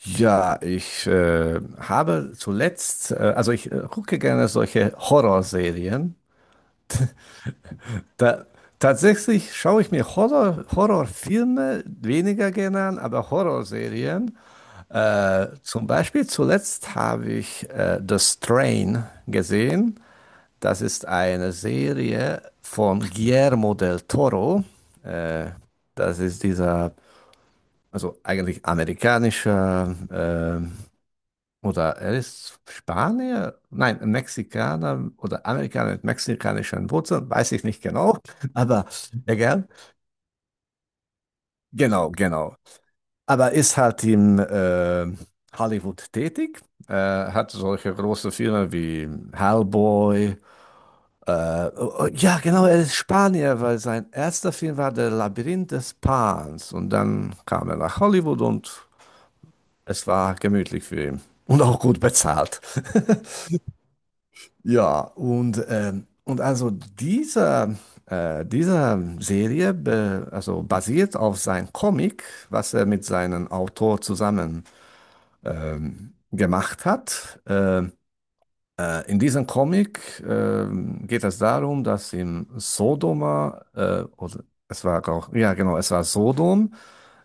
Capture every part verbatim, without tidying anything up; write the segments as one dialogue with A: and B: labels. A: Ja, ich äh, habe zuletzt, äh, also ich äh, gucke gerne solche Horrorserien. Da, tatsächlich schaue ich mir Horror, Horrorfilme weniger gerne an, aber Horrorserien. Äh, zum Beispiel zuletzt habe ich äh, The Strain gesehen. Das ist eine Serie von Guillermo del Toro. Äh, das ist dieser, also eigentlich amerikanischer, äh, oder er ist Spanier? Nein, ein Mexikaner oder Amerikaner mit mexikanischen Wurzeln, weiß ich nicht genau, aber egal. Genau, genau. Aber ist halt in äh, Hollywood tätig, äh, hat solche große Filme wie Hellboy. Oh, oh, ja, genau, er ist Spanier, weil sein erster Film war Der Labyrinth des Pans. Und dann kam er nach Hollywood und es war gemütlich für ihn. Und auch gut bezahlt. Ja, und, ähm, und also diese äh, dieser Serie be, also basiert auf seinem Comic, was er mit seinem Autor zusammen ähm, gemacht hat. Ähm, äh, in diesem Comic ähm, geht es darum, dass im Sodoma, äh, oder es war auch, ja genau, es war Sodom,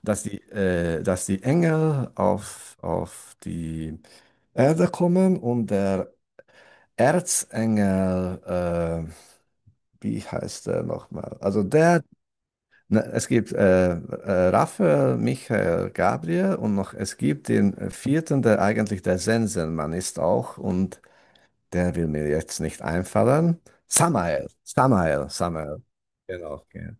A: dass die, äh, dass die Engel auf, auf die Erde kommen und der Erzengel, äh, wie heißt er nochmal? Also der, na, es gibt äh, äh, Raphael, Michael, Gabriel und noch, es gibt den äh, vierten, der eigentlich der Sensenmann ist auch und der will mir jetzt nicht einfallen. Samael, Samael, Samael. Genau, okay.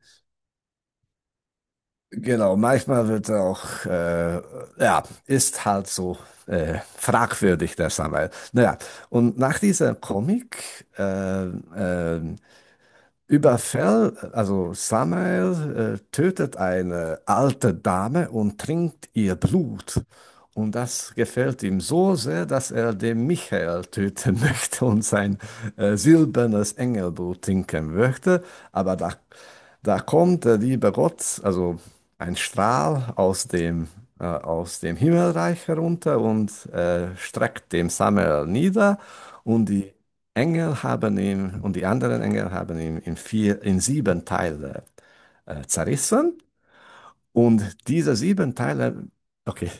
A: Genau, manchmal wird er auch, äh, ja, ist halt so äh, fragwürdig, der Samuel. Naja, und nach dieser Comic, äh, äh, Überfällt, also Samuel äh, tötet eine alte Dame und trinkt ihr Blut. Und das gefällt ihm so sehr, dass er den Michael töten möchte und sein äh, silbernes Engelblut trinken möchte. Aber da, da kommt der liebe Gott, also ein Strahl aus dem, äh, aus dem Himmelreich herunter und äh, streckt dem Samuel nieder. Und die Engel haben ihn und die anderen Engel haben ihn in vier, in sieben Teile äh, zerrissen. Und diese sieben Teile, okay,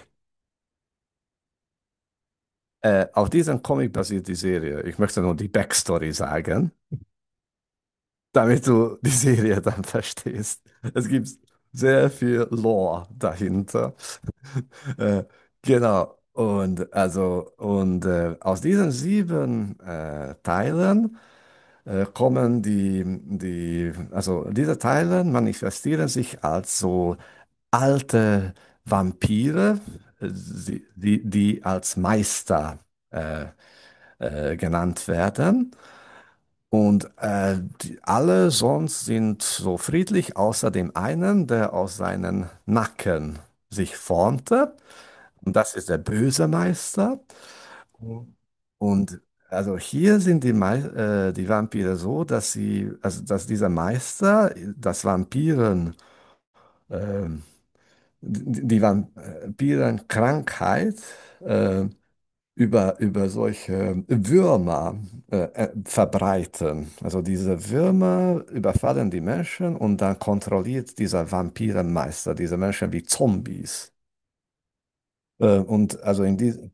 A: äh, auf diesen Comic basiert die Serie. Ich möchte nur die Backstory sagen, damit du die Serie dann verstehst. Es gibt sehr viel Lore dahinter. äh, genau. Und also, und äh, aus diesen sieben äh, Teilen äh, kommen die, die, also diese Teile manifestieren sich als so alte Vampire, äh, sie- die, die als Meister äh, äh, genannt werden. Und äh, die, alle sonst sind so friedlich, außer dem einen, der aus seinen Nacken sich formte. Und das ist der böse Meister. Mhm. Und also hier sind die, Mei- äh, die Vampire so, dass sie, also dass dieser Meister das Vampiren, ähm, die, die Vampirenkrankheit äh, über, über solche Würmer äh, äh, verbreiten. Also diese Würmer überfallen die Menschen und dann kontrolliert dieser Vampirenmeister diese Menschen wie Zombies. Äh, Und also in die,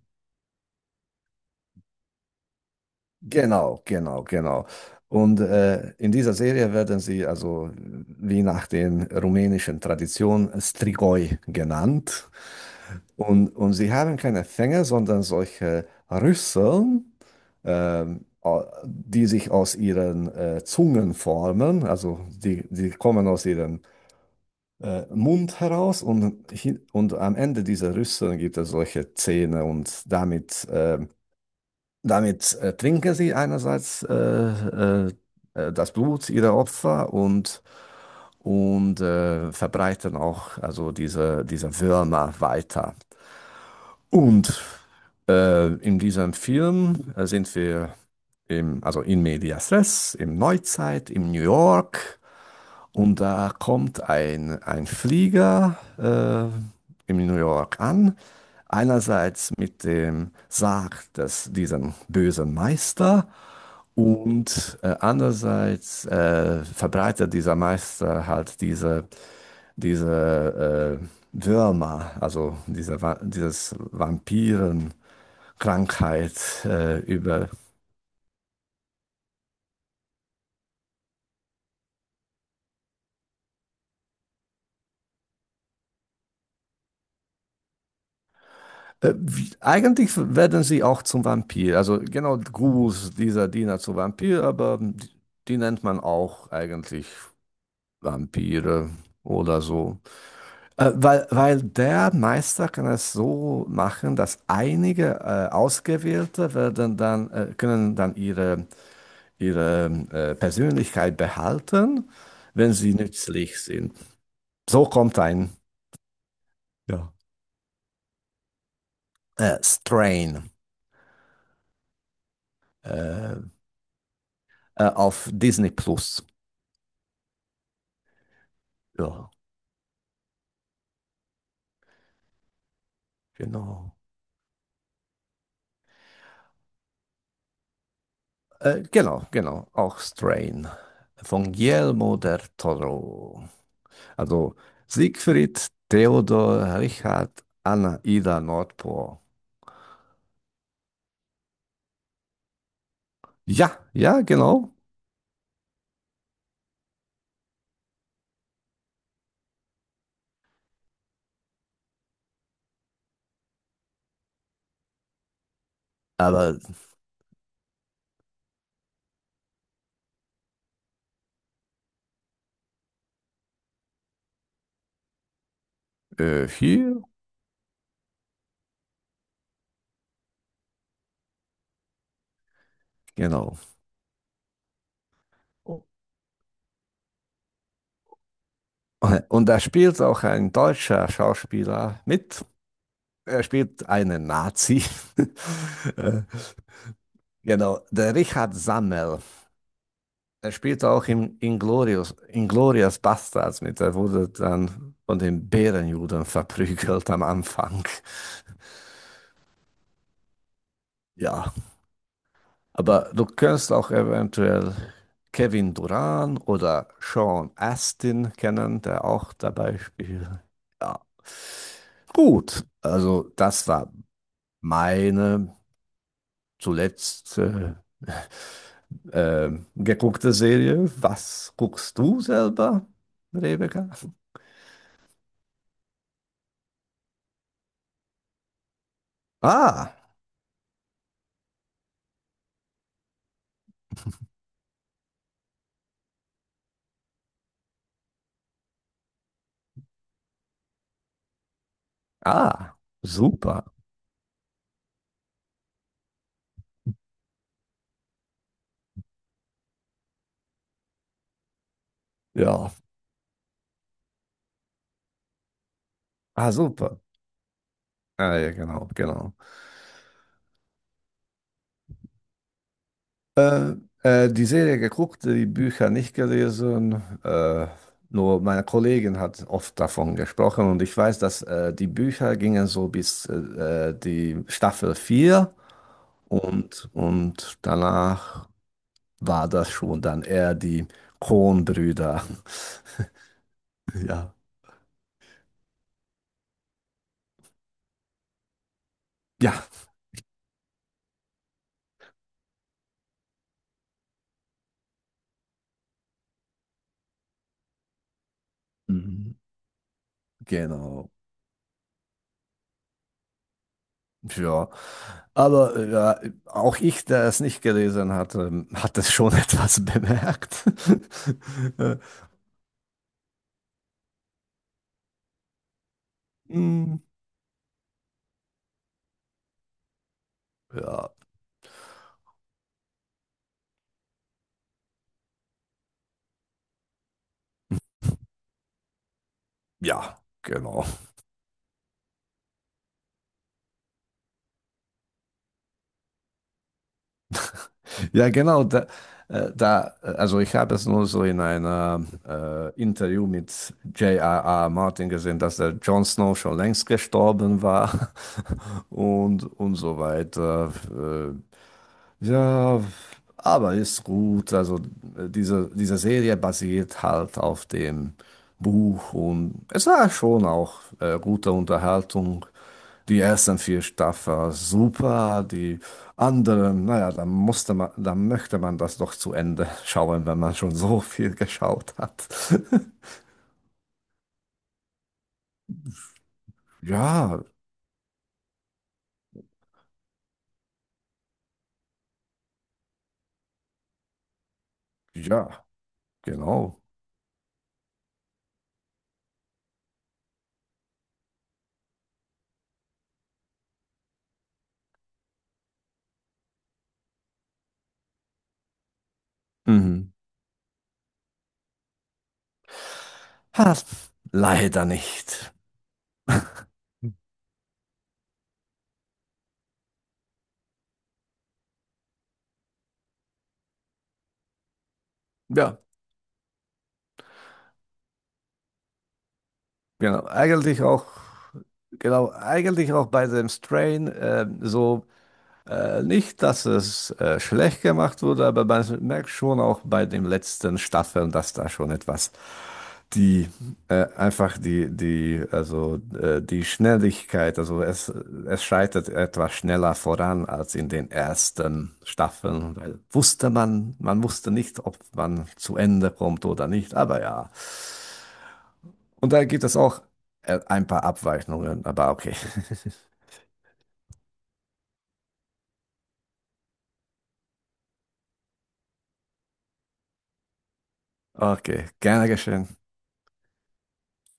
A: genau, genau, genau. Und äh, in dieser Serie werden sie also äh, wie nach den rumänischen Traditionen Strigoi genannt. Und, und sie haben keine Fänge, sondern solche Rüsseln, ähm, au- die sich aus ihren äh, Zungen formen. Also die, die kommen aus ihrem äh, Mund heraus und, hin- und am Ende dieser Rüsseln gibt es solche Zähne und damit ähm, damit äh, trinken sie einerseits äh, äh, äh, das Blut ihrer Opfer und, und äh, verbreiten auch also diese, diese Würmer weiter. Und äh, in diesem Film äh, sind wir im, also in medias res, im Neuzeit, in New York. Und da kommt ein, ein Flieger äh, in New York an. Einerseits mit dem Sarg des, diesen bösen Meister und äh, andererseits äh, verbreitet dieser Meister halt diese, diese äh, Würmer, also diese, Va- dieses Vampirenkrankheit äh, über. Äh, wie, eigentlich werden sie auch zum Vampir, also genau Gus, dieser Diener zu Vampir, aber die, die nennt man auch eigentlich Vampire oder so. Äh, weil, weil der Meister kann es so machen, dass einige äh, Ausgewählte werden dann, äh, können dann ihre, ihre äh, Persönlichkeit behalten, wenn sie nützlich sind. So kommt ein ja. äh, Strain, äh, äh, auf Disney Plus. Ja, genau. Äh, genau, genau. Auch Strain von Guillermo del Toro. Also Siegfried, Theodor, Richard, Anna, Ida, Nordpol. Ja, ja, genau. Aber äh, hier, genau. Und da spielt auch ein deutscher Schauspieler mit. Er spielt einen Nazi. Äh, genau, der Richard Sammel. Er spielt auch im Inglorious, Inglourious Basterds mit. Er wurde dann von den Bärenjuden verprügelt am Anfang. Ja, aber du kannst auch eventuell Kevin Durant oder Sean Astin kennen, der auch dabei spielt. Ja. Gut, also das war meine zuletzt äh, ähm, geguckte Serie. Was guckst du selber, Rebecca? Ah, ah, super. Ja, ah, super. Ah, ja, genau, genau. Äh, die Serie geguckt, die Bücher nicht gelesen. Äh, nur meine Kollegin hat oft davon gesprochen und ich weiß, dass äh, die Bücher gingen so bis äh, die Staffel vier und, und danach war das schon dann eher die Coen-Brüder. Ja, ja, mhm, genau. Ja, aber äh, ja, auch ich, der es nicht gelesen hatte, hat es schon etwas bemerkt. Äh, hm. Ja, ja, genau. Ja, genau. Da, äh, da, äh, also ich habe es nur so in einem äh, Interview mit J J.R.R. Martin gesehen, dass der Jon Snow schon längst gestorben war und, und so weiter. Äh, ja, aber ist gut. Also äh, diese, diese Serie basiert halt auf dem Buch und es war schon auch äh, gute Unterhaltung. Die ersten vier Staffeln super, die anderen, naja, da musste man, da möchte man das doch zu Ende schauen, wenn man schon so viel geschaut hat. Ja, ja, genau. Mhm. Ha, leider nicht. Ja, genau. Eigentlich auch, genau, eigentlich auch bei dem Strain äh, so äh, nicht, dass es äh, schlecht gemacht wurde, aber man merkt schon auch bei den letzten Staffeln, dass da schon etwas die äh, einfach die, die, also äh, die Schnelligkeit, also es, es schreitet etwas schneller voran als in den ersten Staffeln, weil wusste man, man wusste nicht, ob man zu Ende kommt oder nicht, aber ja. Und da gibt es auch äh, ein paar Abweichungen, aber okay. Okay, gerne geschehen.